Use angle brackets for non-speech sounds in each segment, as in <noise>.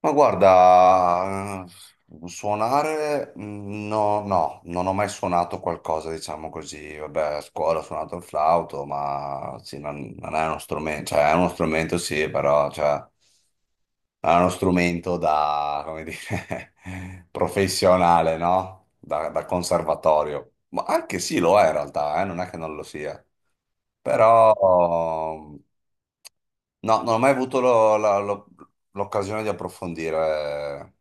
Ma guarda, suonare no, non ho mai suonato qualcosa, diciamo così. Vabbè, a scuola ho suonato il flauto, ma sì, non è uno strumento, cioè è uno strumento sì, però cioè, è uno strumento da, come dire, <laughs> professionale, no? Da conservatorio. Ma anche sì, lo è in realtà, non è che non lo sia. Però no, non ho mai avuto l'occasione di approfondire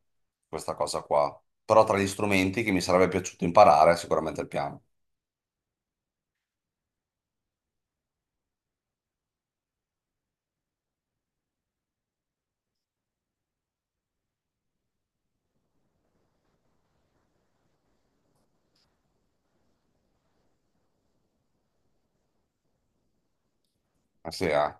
questa cosa qua. Però tra gli strumenti che mi sarebbe piaciuto imparare è sicuramente il piano. Eh sì, eh.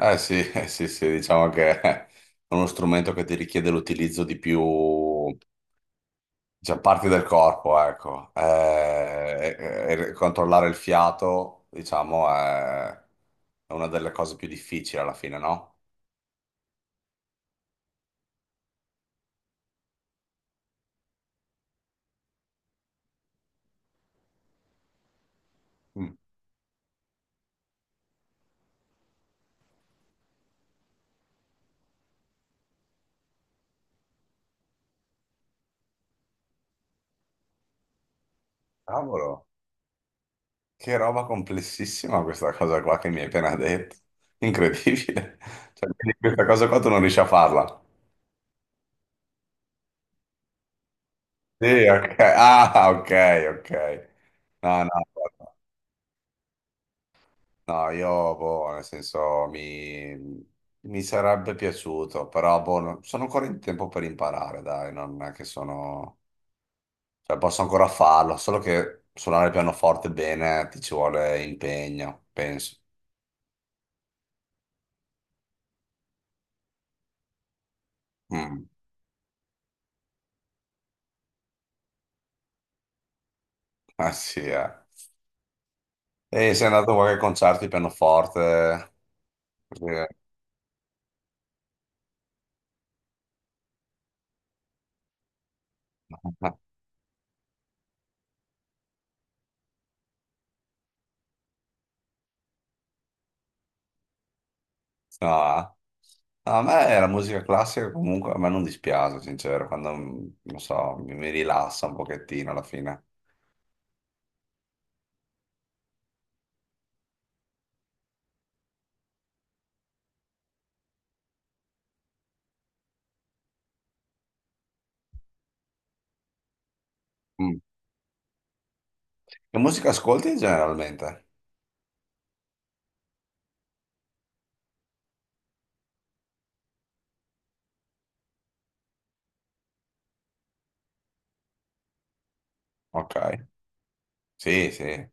Eh sì, <laughs> eh sì, sì, diciamo che è uno strumento che ti richiede l'utilizzo di più, cioè, parti del corpo, ecco. E controllare il fiato, diciamo, è una delle cose più difficili alla fine, no? Mm. Cavolo. Che roba complessissima questa cosa qua che mi hai appena detto. Incredibile. <laughs> Cioè, quindi questa cosa qua tu non riesci a farla. Sì, ok. Ah, ok, ok. No, no, guarda. No, boh, nel senso, mi sarebbe piaciuto, però, boh, non- sono ancora in tempo per imparare, dai, non è che sono... Cioè, posso ancora farlo, solo che suonare il pianoforte bene ti ci vuole impegno, penso. Mm. <laughs> Ah, sì, eh. E sei andato a qualche concerto di pianoforte? Così. <laughs> No, no, a me la musica classica comunque a me non dispiace, sincero, quando non so, mi rilassa un pochettino alla fine. Mm. Che musica ascolti generalmente? Ok, sì, sì,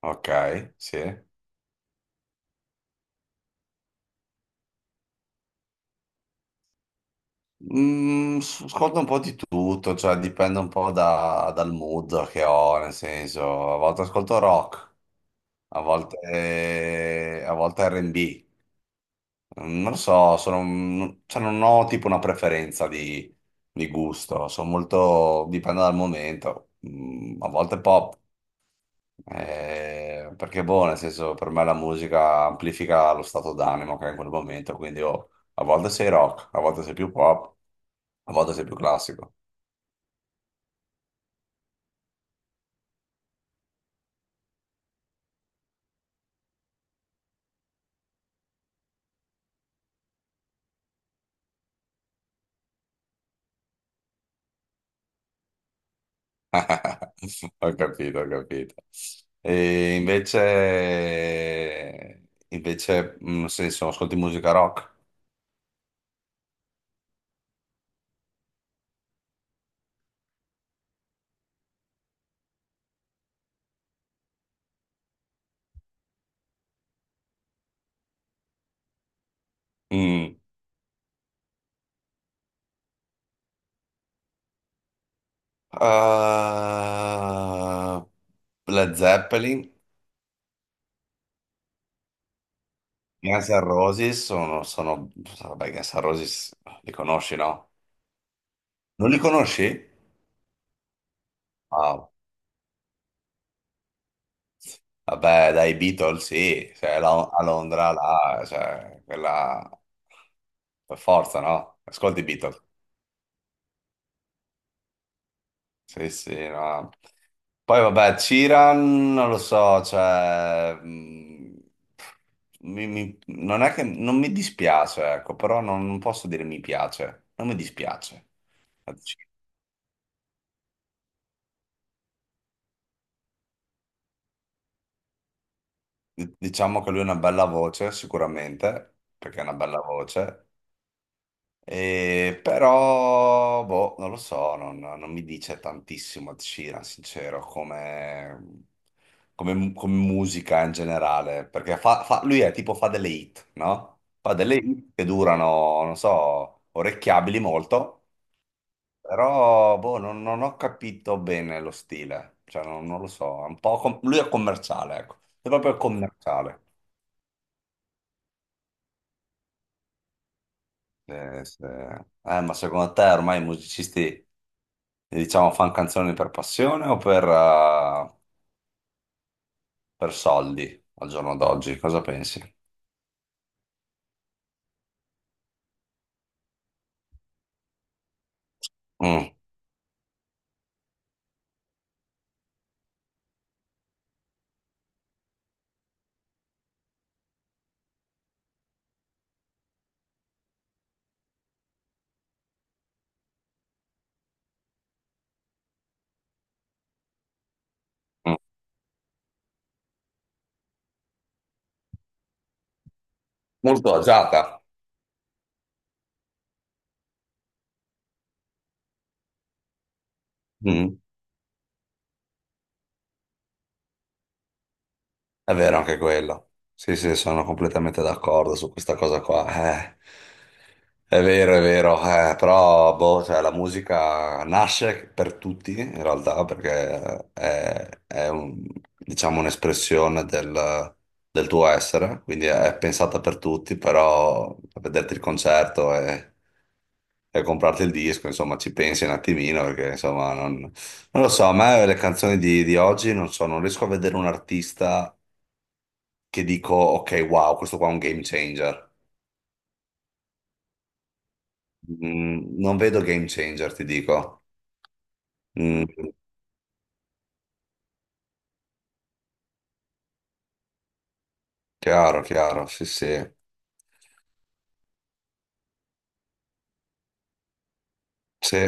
ok, sì. Ascolto un po' di tutto, cioè dipende un po' dal mood che ho, nel senso, a volte ascolto rock, a volte R&B. Non lo so, cioè non ho tipo una preferenza di gusto, sono molto, dipende dal momento. Mm, a volte pop, perché boh, nel senso per me la musica amplifica lo stato d'animo che è in quel momento, quindi oh, a volte sei rock, a volte sei più pop, a volte sei più classico. <laughs> Ho capito, ho capito. E invece, invece, nel senso, ascolti musica rock? Mm. Uh, Led Zeppelin, Guns N' Roses sono... Vabbè, Guns N' Roses li conosci, no? Non li conosci? Ah, vabbè, dai Beatles, sì. Cioè, a Londra, là, cioè, quella... Per forza, no? Ascolti i Beatles. Sì, sì, no. Poi vabbè, Ciran, non lo so, cioè, non è che non mi dispiace, ecco, però non posso dire mi piace, non mi dispiace. Dic- Diciamo che lui ha una bella voce, sicuramente, perché ha una bella voce. E però, boh, non lo so, non mi dice tantissimo Ed Sheeran, sincero, come, come musica in generale, perché lui è tipo fa delle hit, no? Fa delle hit che durano, non so, orecchiabili molto, però, boh, non ho capito bene lo stile, cioè non lo so, è un po' lui è commerciale, ecco, è proprio commerciale. Eh, se- eh, ma secondo te ormai i musicisti... Diciamo, fan canzoni per passione o per soldi al giorno d'oggi? Cosa pensi? Mm, mm. Molto agiata. Mm. È vero anche quello. Sì, sì, sono completamente d'accordo su questa cosa qua. È vero, però boh, cioè, la musica nasce per tutti in realtà perché è un- diciamo, un'espressione del, del tuo essere, quindi è pensata per tutti, però a vederti il concerto e comprarti il disco, insomma, ci pensi un attimino perché insomma non lo so, a me le canzoni di oggi non so, non riesco a vedere un artista che dico, ok, wow, questo qua è un game changer. Mm, non vedo game changer, ti dico. Mm, chiaro, chiaro, sì, sì. Sì,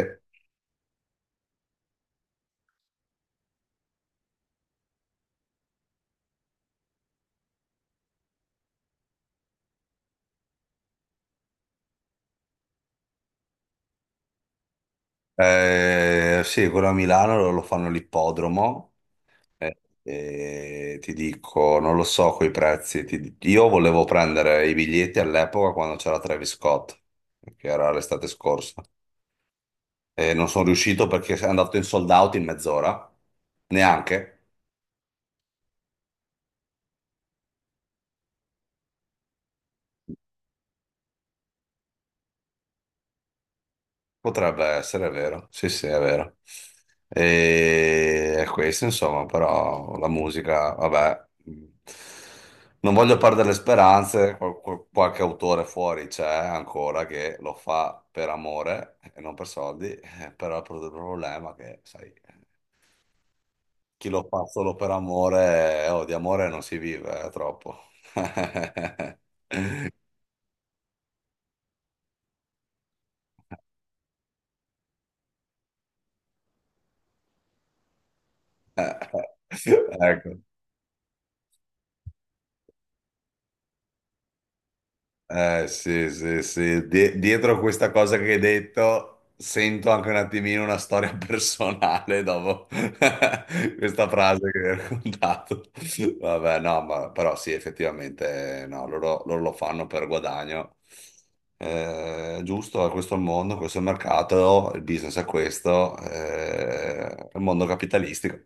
eh, sì, quello a Milano lo fanno all'ippodromo. Eh, e ti dico, non lo so coi prezzi. Io volevo prendere i biglietti all'epoca quando c'era Travis Scott, che era l'estate scorsa. E non sono riuscito perché è andato in sold out in mezz'ora, neanche. Potrebbe essere, è vero. Sì, sì, è vero. E è questo, insomma, però la musica, vabbè, non voglio perdere le speranze, qualche autore fuori c'è ancora che lo fa per amore e non per soldi, <laughs> però il problema è che, sai, chi lo fa solo per amore, oh, di amore non si vive, troppo. <laughs> Ecco. Sì, sì, sì. Dietro questa cosa che hai detto, sento anche un attimino una storia personale dopo <laughs> questa frase che hai raccontato. Vabbè, no, ma, però sì, effettivamente, no, loro lo fanno per guadagno. Giusto, questo è il mondo, questo è il mercato, il business è questo, è il mondo capitalistico.